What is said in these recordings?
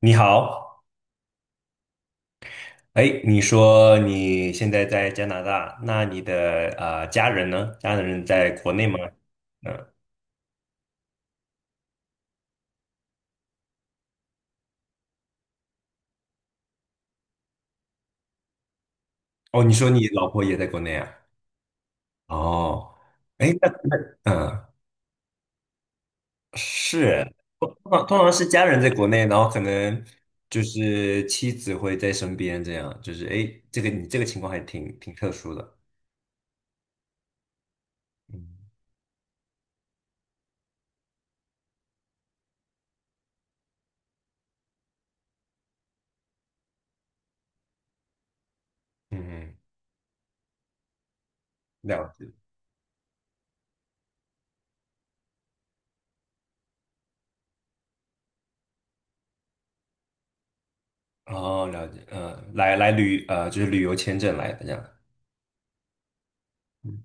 你好，哎，你说你现在在加拿大，那你的家人呢？家人在国内吗？嗯，哦，你说你老婆也在国内啊？哦，哎，那嗯，是，通常是家人在国内，然后可能就是妻子会在身边，这样就是哎，这个你这个情况还挺特殊的，嗯嗯，嗯，了解，哦，了解，嗯，来就是旅游签证来的这样，嗯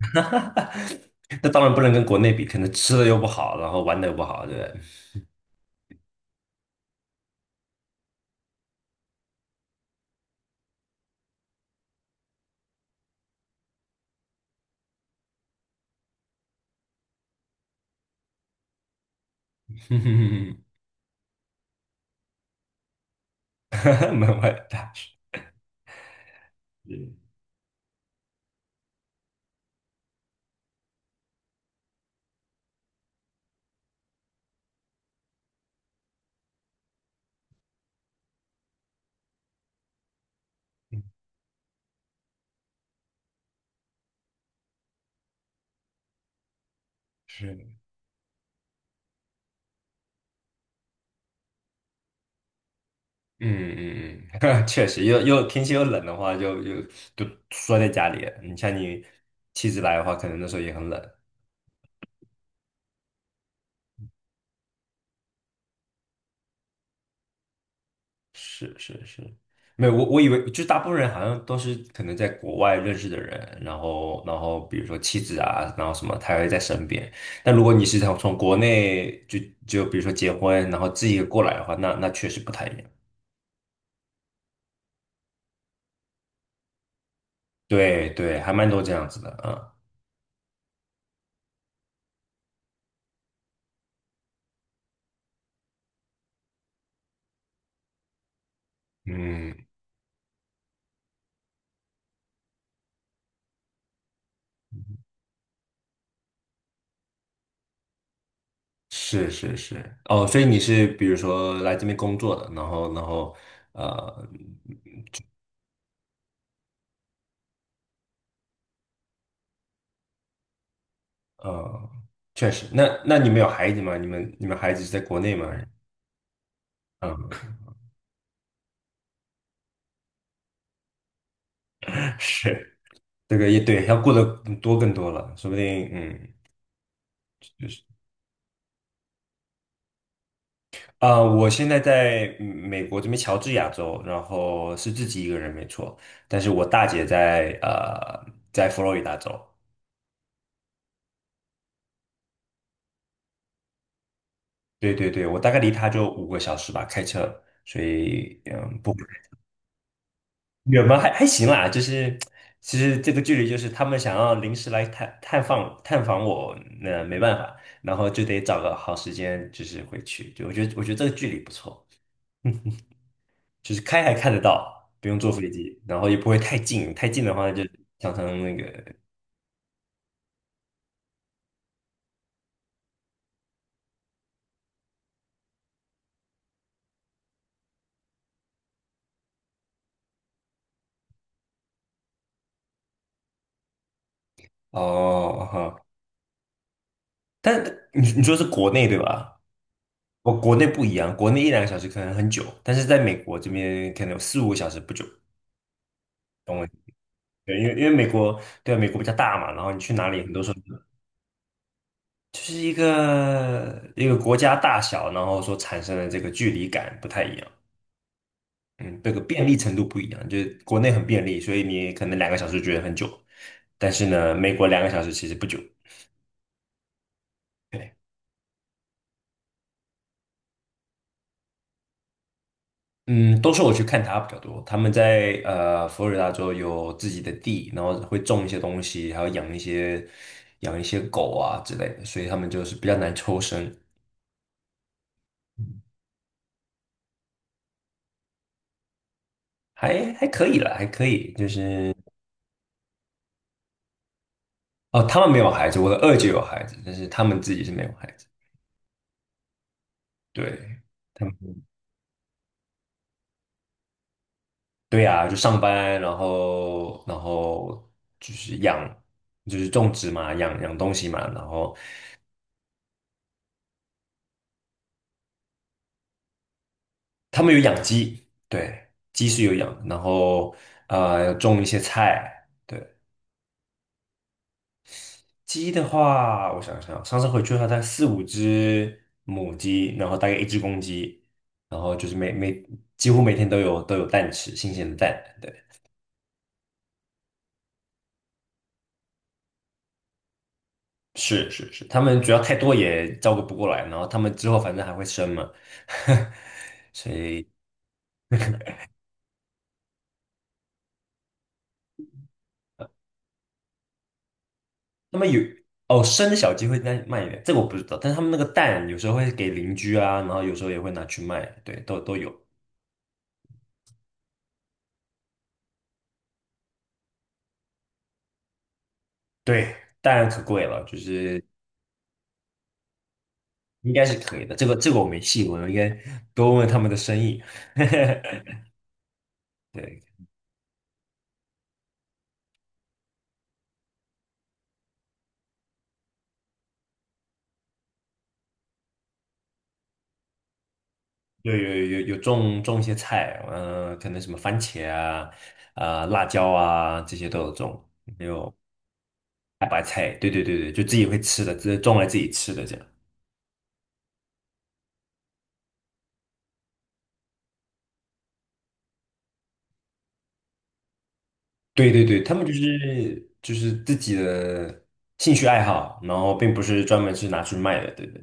哈哈，那当然不能跟国内比，可能吃的又不好，然后玩的又不好，对不对？门外大叔。嗯，是的，嗯嗯嗯，确实，又天气又冷的话，就缩在家里你像你妻子来的话，可能那时候也很冷。是是是，没有我以为就是大部分人好像都是可能在国外认识的人，然后比如说妻子啊，然后什么他会在身边。但如果你是从国内就比如说结婚，然后自己过来的话，那确实不太一样。对对，还蛮多这样子的啊。嗯，是是是，哦，所以你是比如说来这边工作的，然后呃呃，确实，那你们有孩子吗？你们孩子是在国内吗？嗯，是。这个也对，要过得更多更多了，说不定嗯，就是啊、我现在在美国这边乔治亚州，然后是自己一个人没错，但是我大姐在佛罗里达州，对对对，我大概离她就五个小时吧，开车，所以不远吗？还行啦，就是其实这个距离就是他们想要临时来探访我，那、没办法，然后就得找个好时间就是回去，就我觉得这个距离不错。就是开还看得到，不用坐飞机，然后也不会太近，太近的话就常常那个哦哈。但你说是国内对吧？我国内不一样，国内一两个小时可能很久，但是在美国这边可能有4、5个小时不久。对，因为美国对啊美国比较大嘛，然后你去哪里很多时候就是一个国家大小，然后所产生的这个距离感不太一样。嗯，这个便利程度不一样，就是国内很便利，所以你可能两个小时觉得很久，但是呢，美国两个小时其实不久。对，嗯，都是我去看他比较多，他们在佛罗里达州有自己的地，然后会种一些东西，还有养一些狗啊之类的，所以他们就是比较难抽身，还可以啦，还可以，就是哦，他们没有孩子，我的二姐有孩子，但是他们自己是没有孩子，对。他们。对呀，就上班，然后就是养，就是种植嘛，养东西嘛，然后他们有养鸡，对，鸡是有养，然后种一些菜，对，鸡的话，我想想，上次回去的话，大概4、5只母鸡，然后大概一只公鸡，然后就是几乎每天都有蛋吃，新鲜的蛋，对，是是是，他们主要太多也照顾不过来，然后他们之后反正还会生嘛。所以那么有哦，生的小鸡会再卖一点，这个我不知道。但是他们那个蛋有时候会给邻居啊，然后有时候也会拿去卖，对，都有。对，当然可贵了，就是应该是可以的。这个我没细问，我应该多问问他们的生意。对，有种一些菜，嗯、可能什么番茄啊、啊、辣椒啊这些都有种，还有大白菜，对对对对，就自己会吃的，自己种来自己吃的这样。对对对，他们就是自己的兴趣爱好，然后并不是专门是拿去卖的，对对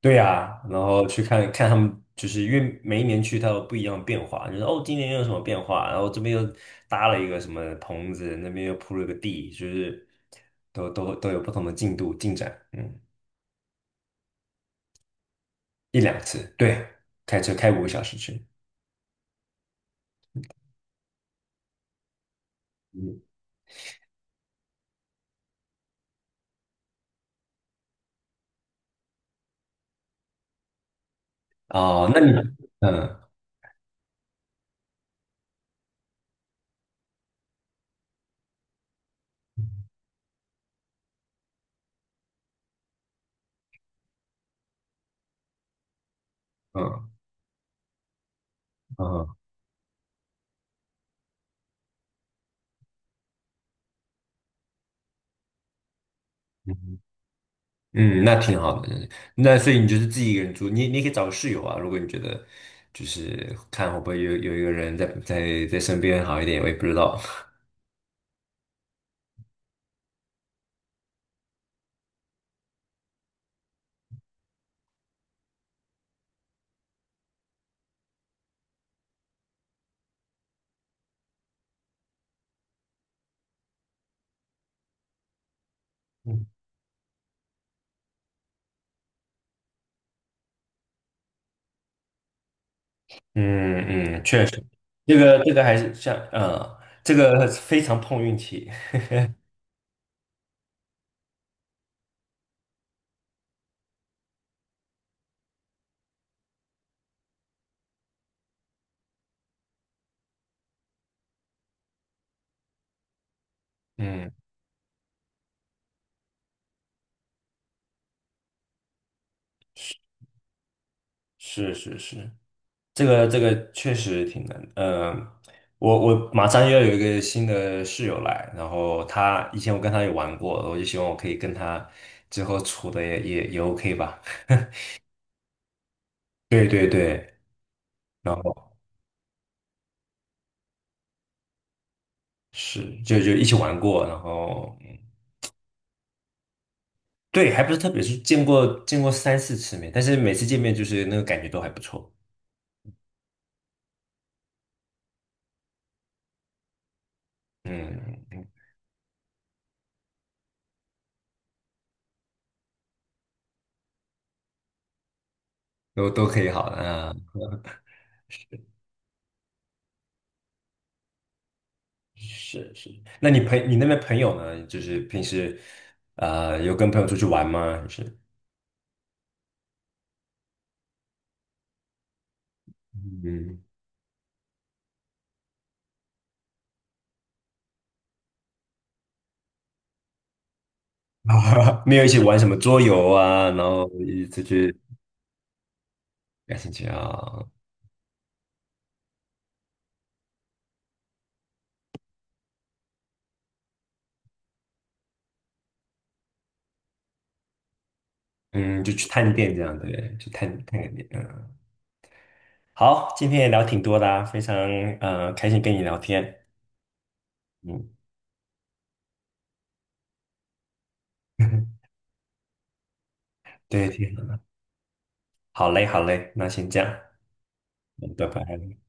对呀、然后去看看他们，就是因为每一年去它有不一样的变化，就是哦，今年又有什么变化，然后这边又搭了一个什么棚子，那边又铺了个地，就是都有不同的进度进展，嗯，一两次，对，开车开五个小时去，嗯，哦，那你，嗯嗯嗯嗯。嗯，那挺好的。那所以你就是自己一个人住，你也可以找个室友啊。如果你觉得就是看会不会有一个人在身边好一点，我也不知道。嗯，嗯嗯，确实，这个还是像这个非常碰运气。嗯，是是是，这个确实挺难。嗯，我马上又要有一个新的室友来，然后他以前我跟他也玩过，我就希望我可以跟他之后处的也 OK 吧。对对对，然后是就一起玩过，然后对，还不是特别是见过3、4次面，但是每次见面就是那个感觉都还不错，嗯，都可以好的，啊，是是。那你那边朋友呢？就是平时有跟朋友出去玩吗？还是嗯，没有一起玩什么桌游啊，然后一起出去感兴趣啊，嗯，就去探店这样，对，去探探个店，嗯，好，今天也聊挺多的啊，非常开心跟你聊天。嗯，对，挺好的。好嘞，好嘞，那先这样，嗯，拜拜。